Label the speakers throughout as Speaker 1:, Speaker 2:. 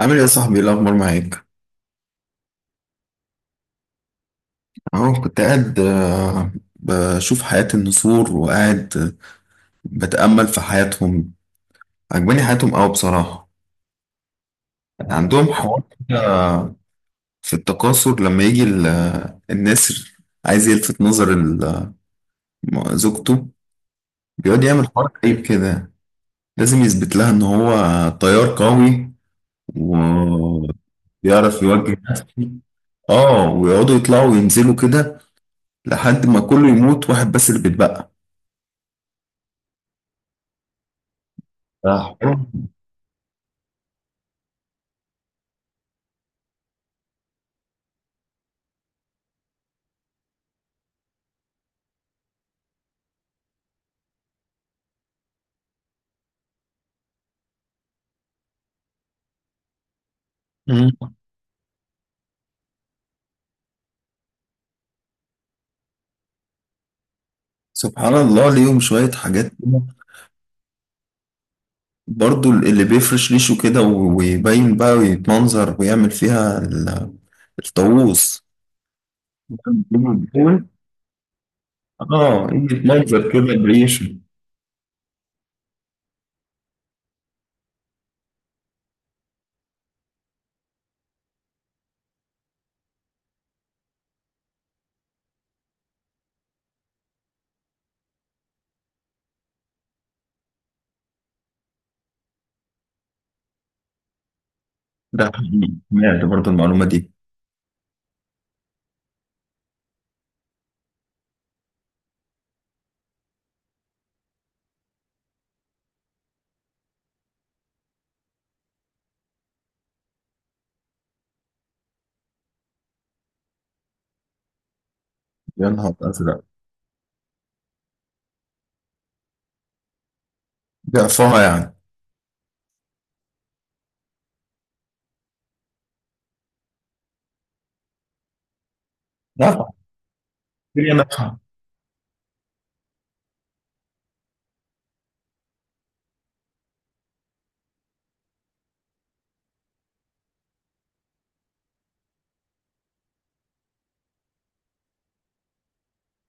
Speaker 1: عامل ايه يا صاحبي؟ ايه الاخبار معاك؟ اهو كنت قاعد، بشوف حياة النسور وقاعد، بتأمل في حياتهم. عجباني حياتهم قوي بصراحة. عندهم حوار في التكاثر لما يجي النسر عايز يلفت نظر زوجته. بيقعد يعمل حوار غريب كده. لازم يثبت لها ان هو طيار قوي وبيعرف يوجه نفسه. اه، ويقعدوا يطلعوا وينزلوا كده لحد ما كله يموت واحد بس اللي بيتبقى. صح. مم. سبحان الله، ليهم شوية حاجات كده. برضو اللي بيفرش ريشه كده ويبين بقى ويتمنظر ويعمل فيها الطاووس. اه، يجي يتمنظر كده بريشه. ده حقيقي، سمعت برضو المعلومة دي. يا نهار أزرق! ضعفها يعني. نفع. بكتيريا نفع.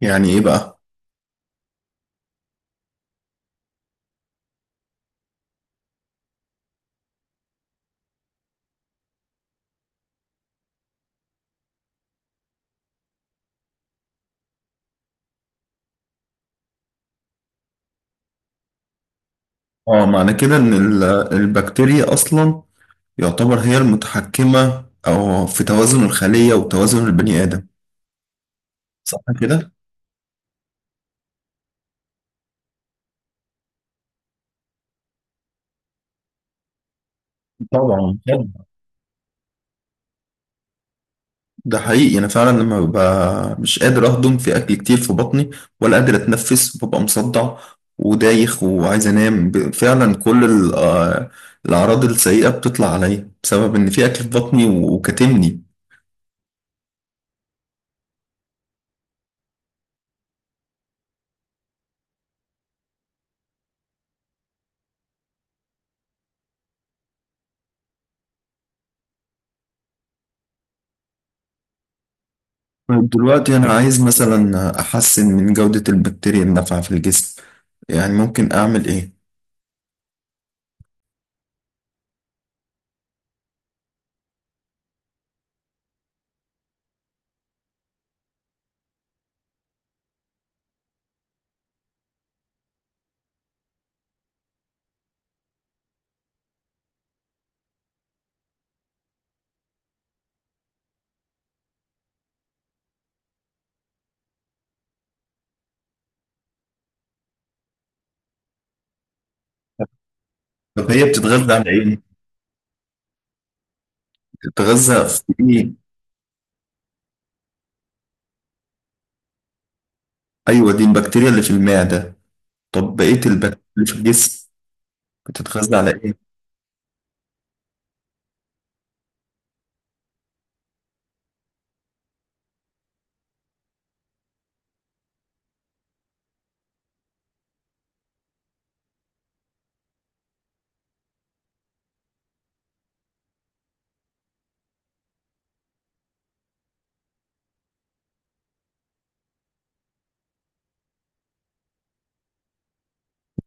Speaker 1: يعني إيه بقى؟ اه، معنى كده إن البكتيريا أصلا يعتبر هي المتحكمة، أو في توازن الخلية وتوازن البني آدم. صح كده؟ طبعا. ده حقيقي، انا فعلا لما ببقى مش قادر اهضم في اكل كتير في بطني ولا قادر اتنفس، ببقى مصدع ودايخ وعايز انام. فعلا كل الاعراض السيئه بتطلع عليا بسبب ان في اكل في بطني وكاتمني. طيب، دلوقتي انا عايز مثلا احسن من جوده البكتيريا النافعه في الجسم، يعني ممكن اعمل ايه؟ طب هي بتتغذى على ايه؟ بتتغذى في ايه؟ ايوه، دي البكتيريا اللي في المعده. طب بقيه البكتيريا اللي في الجسم بتتغذى على ايه؟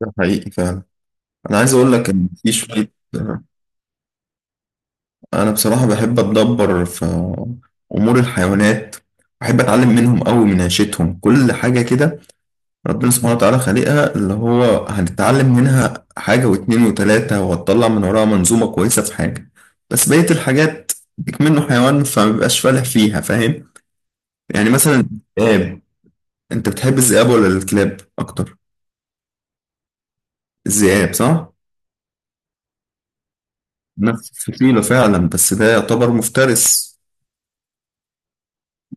Speaker 1: ده حقيقي فعلا. انا عايز اقول لك ان في شويه. انا بصراحه بحب اتدبر في امور الحيوانات. بحب اتعلم منهم قوي، من عيشتهم كل حاجه كده. ربنا سبحانه وتعالى خالقها، اللي هو هنتعلم منها حاجه واتنين وتلاته وهتطلع من وراها منظومه كويسه في حاجه. بس بقيه الحاجات بيك منه حيوان فما بيبقاش فالح فيها، فاهم؟ يعني مثلا الذئاب. انت بتحب الذئاب ولا الكلاب اكتر؟ الذئاب، صح. نفس الفصيله فعلا، بس ده يعتبر مفترس.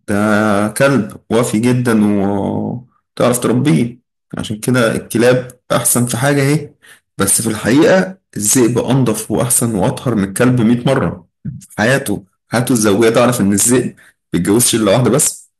Speaker 1: ده كلب وافي جدا وتعرف تربيه، عشان كده الكلاب أحسن في حاجة أهي. بس في الحقيقة الذئب أنضف وأحسن وأطهر من الكلب 100 مرة. في حياته، حياته الزوجية تعرف إن الذئب ما بيتجوزش إلا واحدة بس.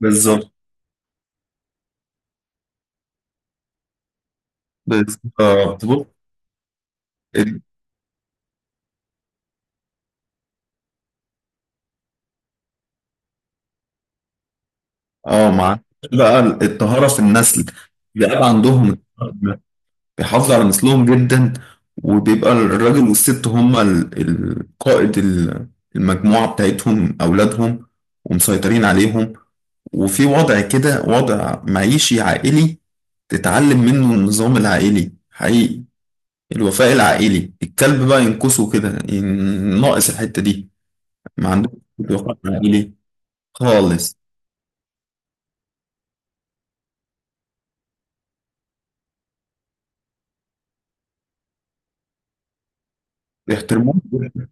Speaker 1: بالظبط، بالظبط. بص، ال- اه مع بقى الطهارة في النسل. الذئاب عندهم بيحافظوا على نسلهم جدا. وبيبقى الراجل والست هما القائد، المجموعة بتاعتهم أولادهم، ومسيطرين عليهم. وفي وضع كده، وضع معيشي عائلي. تتعلم منه النظام العائلي حقيقي، الوفاء العائلي. الكلب بقى ينقصه كده، ناقص الحتة دي. ما عندهمش وفاء عائلي خالص. بيحترموه جداً.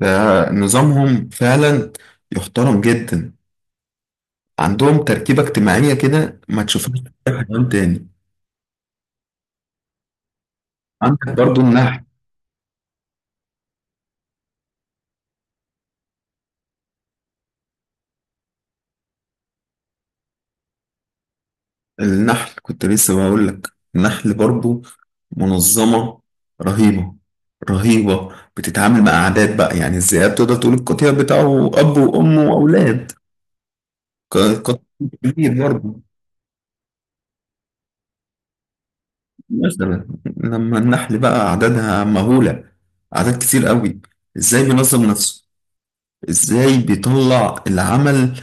Speaker 1: ده نظامهم فعلا، يحترم جدا. عندهم تركيبة اجتماعية كده ما تشوفهاش في أي حيوان تاني. عندك برضو النحل. النحل كنت لسه بقول لك. النحل برضو منظمة رهيبة، رهيبة، بتتعامل مع أعداد بقى. يعني الذئاب تقدر تقول القطيع بتاعه أب وأم وأولاد، قطيع كبير برضو. مثلا لما النحل بقى أعدادها مهولة، أعداد كتير قوي، إزاي بينظم نفسه؟ إزاي بيطلع العمل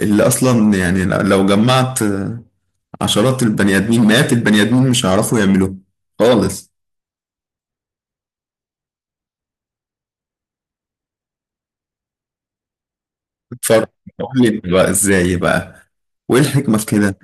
Speaker 1: اللي أصلا يعني لو جمعت عشرات البني ادمين، مئات البني ادمين، مش هيعرفوا يعملوه خالص. اتفرج. قول لي بقى ازاي بقى، وايه الحكمه في كده؟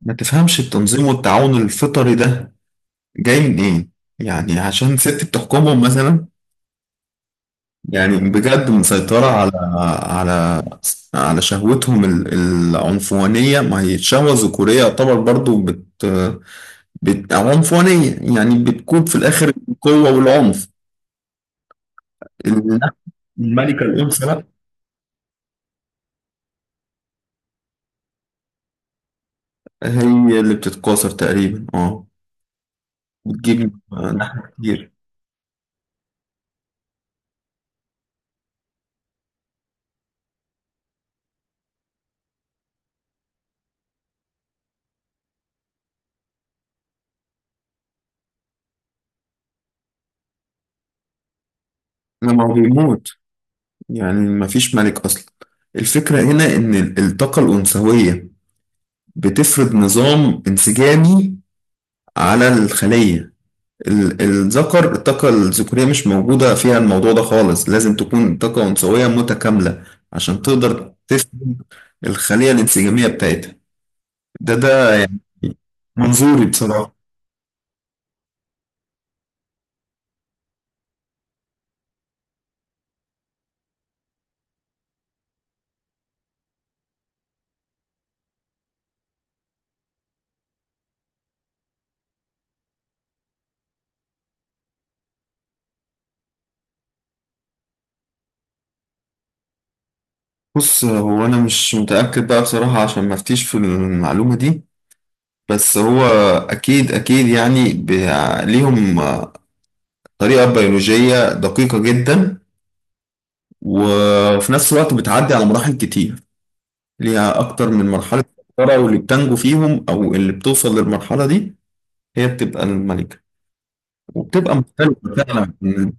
Speaker 1: ما تفهمش التنظيم والتعاون الفطري ده جاي منين؟ يعني عشان ست بتحكمهم مثلا؟ يعني بجد مسيطرة على على شهوتهم العنفوانية. ما هي الشهوة الذكورية يعتبر برضو بت أو عنفوانية، يعني بتكون في الآخر القوة والعنف. الملكة الأنثى هي اللي بتتكاثر تقريبا، اه. بتجيب لحم كتير. لما هو بيموت، يعني مفيش ملك أصلا. الفكرة هنا إن الطاقة الأنثوية بتفرض نظام انسجامي على الخلية. الذكر، الطاقة الذكورية مش موجودة فيها الموضوع ده خالص. لازم تكون طاقة أنثوية متكاملة عشان تقدر تفرض الخلية الانسجامية بتاعتها. ده يعني منظوري بصراحة. بص، هو انا مش متاكد بقى بصراحه، عشان ما افتيش في المعلومه دي. بس هو اكيد، اكيد، يعني ليهم طريقه بيولوجيه دقيقه جدا، وفي نفس الوقت بتعدي على مراحل كتير. ليها اكتر من مرحله مفكرة، واللي بتنجو فيهم او اللي بتوصل للمرحله دي هي بتبقى الملكه. وبتبقى مختلفه فعلا من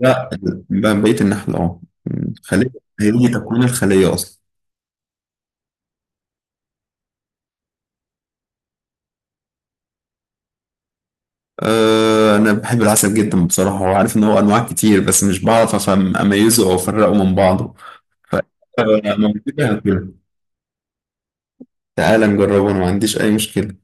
Speaker 1: ده- من بقيه النحل، اه، من الخليه. هي دي تكوين الخليه اصلا. أه، أنا بحب العسل جدا بصراحة، وعارف إن هو أنواع كتير بس مش بعرف أفهم أميزه أو أفرقه من بعضه. ف أه، موجودة هاكله. تعالى نجربه، أنا ما عنديش أي مشكلة.